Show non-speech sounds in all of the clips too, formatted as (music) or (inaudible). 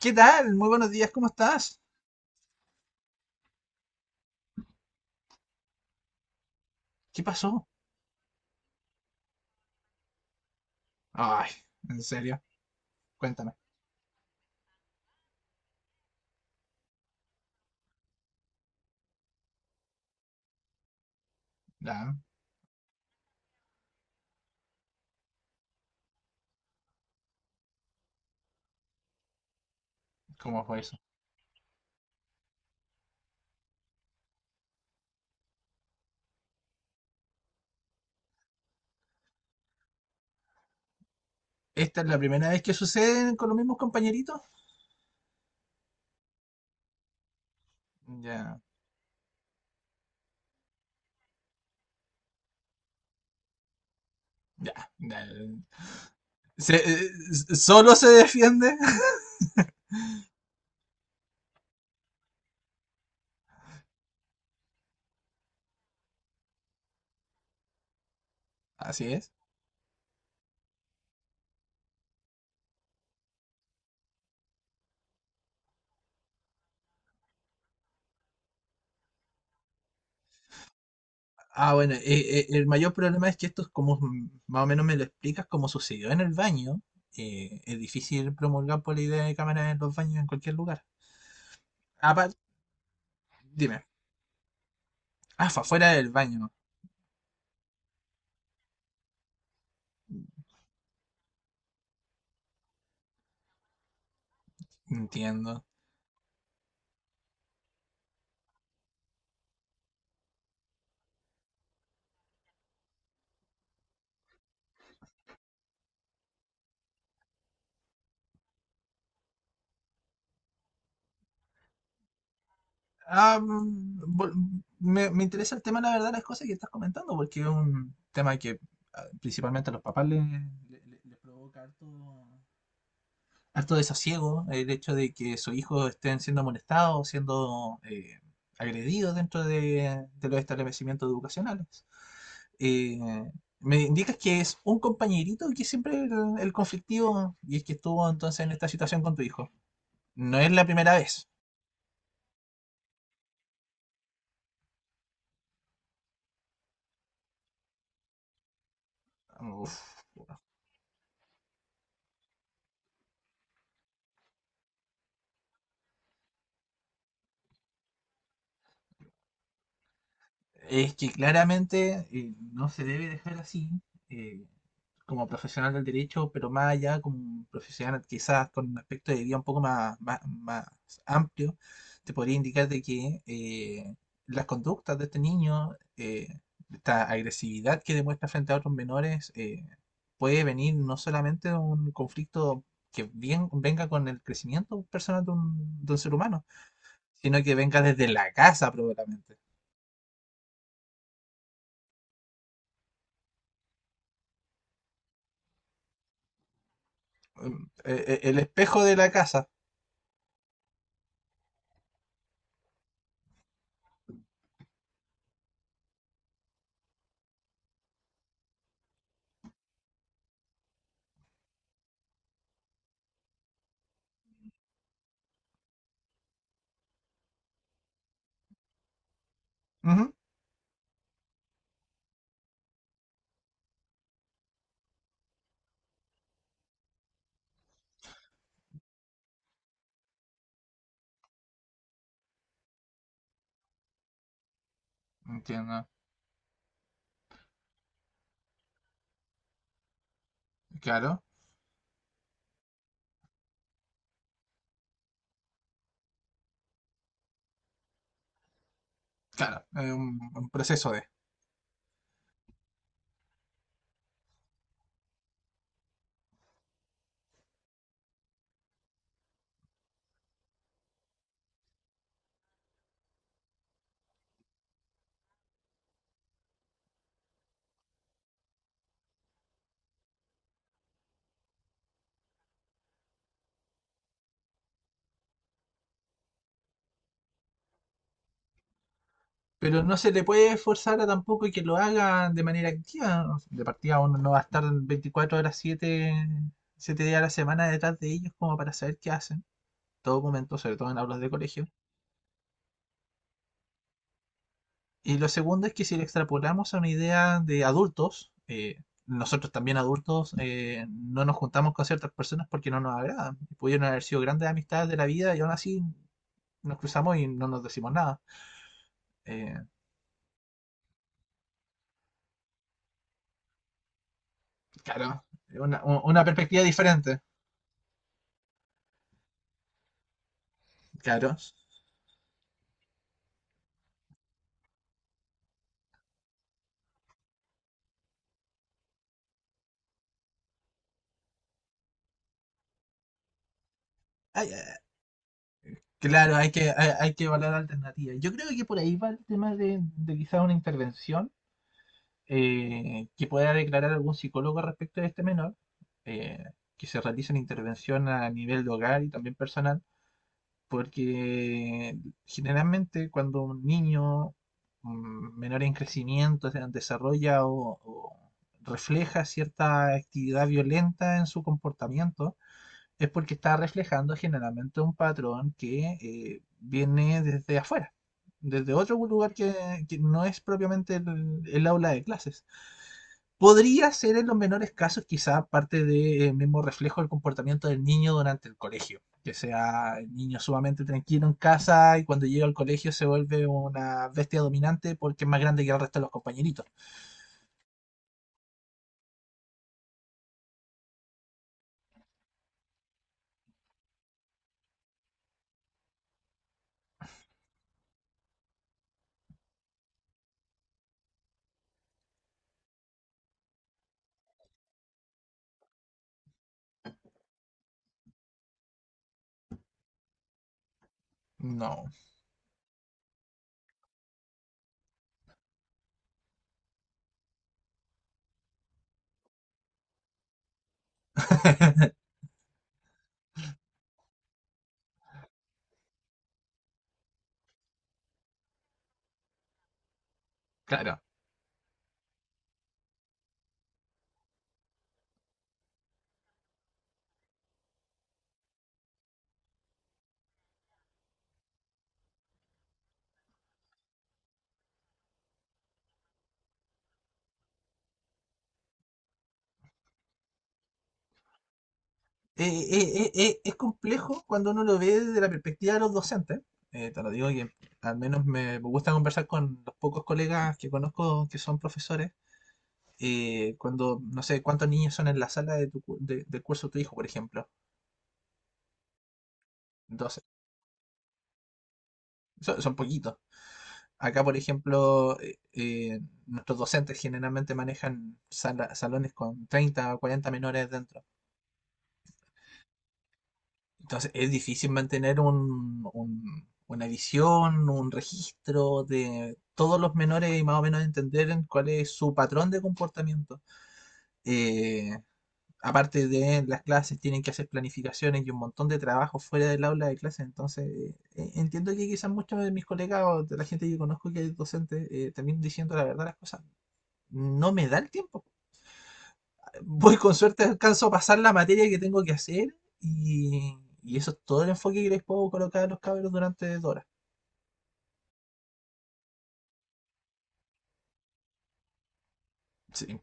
¿Qué tal? Muy buenos días, ¿cómo estás? ¿Qué pasó? Ay, en serio, cuéntame. Ya, ¿cómo fue eso? ¿Esta es la primera vez que sucede con los mismos compañeritos? Ya, ya, ya. ¿Solo se defiende? (laughs) Así es. Ah, bueno, el mayor problema es que esto es como, más o menos me lo explicas, como sucedió en el baño. Es difícil promulgar por la idea de cámaras en los baños en cualquier lugar. Aparte, dime, ah, fue afuera del baño. Entiendo. Ah, mm, vol- me interesa el tema, la verdad, las cosas que estás comentando, porque es un tema que ah, principalmente a los papás les provoca harto desasiego, el hecho de que sus hijos estén siendo molestados, siendo agredidos dentro de los establecimientos educacionales. Eh, Me indicas que es un compañerito que siempre el conflictivo y es que estuvo entonces en esta situación con tu hijo. No es la primera vez. Es que claramente no se debe dejar así, eh, como profesional del derecho, pero más allá, como un profesional quizás con un aspecto de vida un poco más, más amplio, te podría indicar de que las conductas de este niño, eh, esta agresividad que demuestra frente a otros menores, puede venir no solamente de un conflicto que bien, venga con el crecimiento personal de un ser humano, sino que venga desde la casa probablemente. eh, el espejo de la casa. Ujú. Entiendo. Claro, claro, es un proceso de... Pero no se le puede forzar a tampoco que lo haga de manera activa. De partida uno no va a estar 24 horas 7 días a la semana detrás de ellos como para saber qué hacen. Todo momento, sobre todo en aulas de colegio. Y lo segundo es que si lo extrapolamos a una idea de adultos, nosotros también adultos no nos juntamos con ciertas personas porque no nos agradan. Pudieron haber sido grandes amistades de la vida y aún así nos cruzamos y no nos decimos nada. Eh, claro, una perspectiva diferente. Claro. Ay, eh, claro, hay que evaluar alternativas. Yo creo que por ahí va el tema de quizás una intervención que pueda declarar algún psicólogo respecto a este menor, eh, que se realice una intervención a nivel de hogar y también personal, porque generalmente cuando un niño menor en crecimiento o sea, desarrolla o refleja cierta actividad violenta en su comportamiento, es porque está reflejando generalmente un patrón que viene desde afuera, desde otro lugar que no es propiamente el aula de clases. Podría ser en los menores casos quizá parte del mismo reflejo del comportamiento del niño durante el colegio, que sea el niño sumamente tranquilo en casa y cuando llega al colegio se vuelve una bestia dominante porque es más grande que el resto de los compañeritos. No, (laughs) claro. Es complejo cuando uno lo ve desde la perspectiva de los docentes. Te lo digo que al menos me gusta conversar con los pocos colegas que conozco que son profesores cuando, no sé, cuántos niños son en la sala de tu, cu- de- del curso de tu hijo, por ejemplo. 12. Son poquitos. Acá, por ejemplo, nuestros docentes generalmente manejan salones con 30 o 40 menores dentro. Entonces, es difícil mantener una visión, un registro de todos los menores y más o menos entender en cuál es su patrón de comportamiento. Eh, Aparte de las clases, tienen que hacer planificaciones y un montón de trabajo fuera del aula de clases. Entonces, entiendo que quizás muchos de mis colegas o de la gente que conozco que es docente, también diciendo la verdad las cosas, no me da el tiempo. Voy con suerte, alcanzo a pasar la materia que tengo que hacer y, y eso es todo el enfoque que les puedo colocar a los cabros durante dos horas. Sí.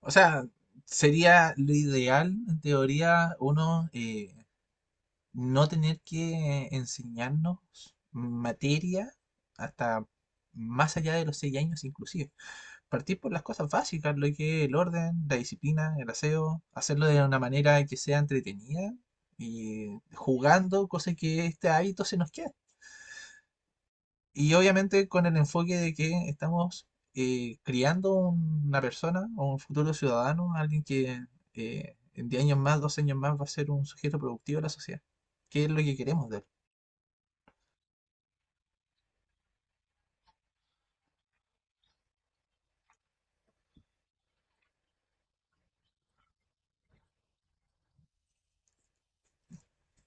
O sea, sería lo ideal, en teoría, no tener que enseñarnos materia hasta más allá de los seis años inclusive. Partir por las cosas básicas, lo que es el orden, la disciplina, el aseo, hacerlo de una manera que sea entretenida y jugando, cosa que este hábito se nos queda. Y obviamente con el enfoque de que estamos criando una persona o un futuro ciudadano, alguien que en 10 años más, 12 años más va a ser un sujeto productivo de la sociedad. ¿Qué es lo que queremos de él?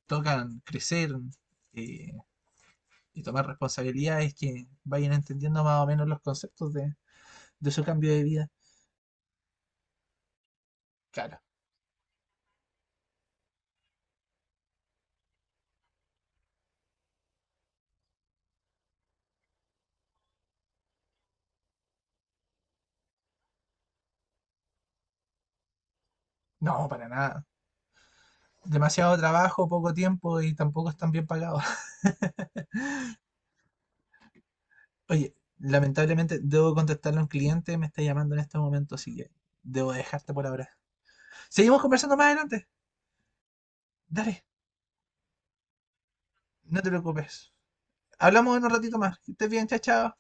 Tocan crecer eh, y tomar responsabilidades que vayan entendiendo más o menos los conceptos de su cambio de vida. Claro, no, para nada. Demasiado trabajo, poco tiempo y tampoco están bien pagados. (laughs) Oye, lamentablemente debo contestarle a un cliente, me está llamando en este momento, así que debo dejarte por ahora. Seguimos conversando más adelante. Dale, no te preocupes. Hablamos en un ratito más. Que estés bien, chao, chao.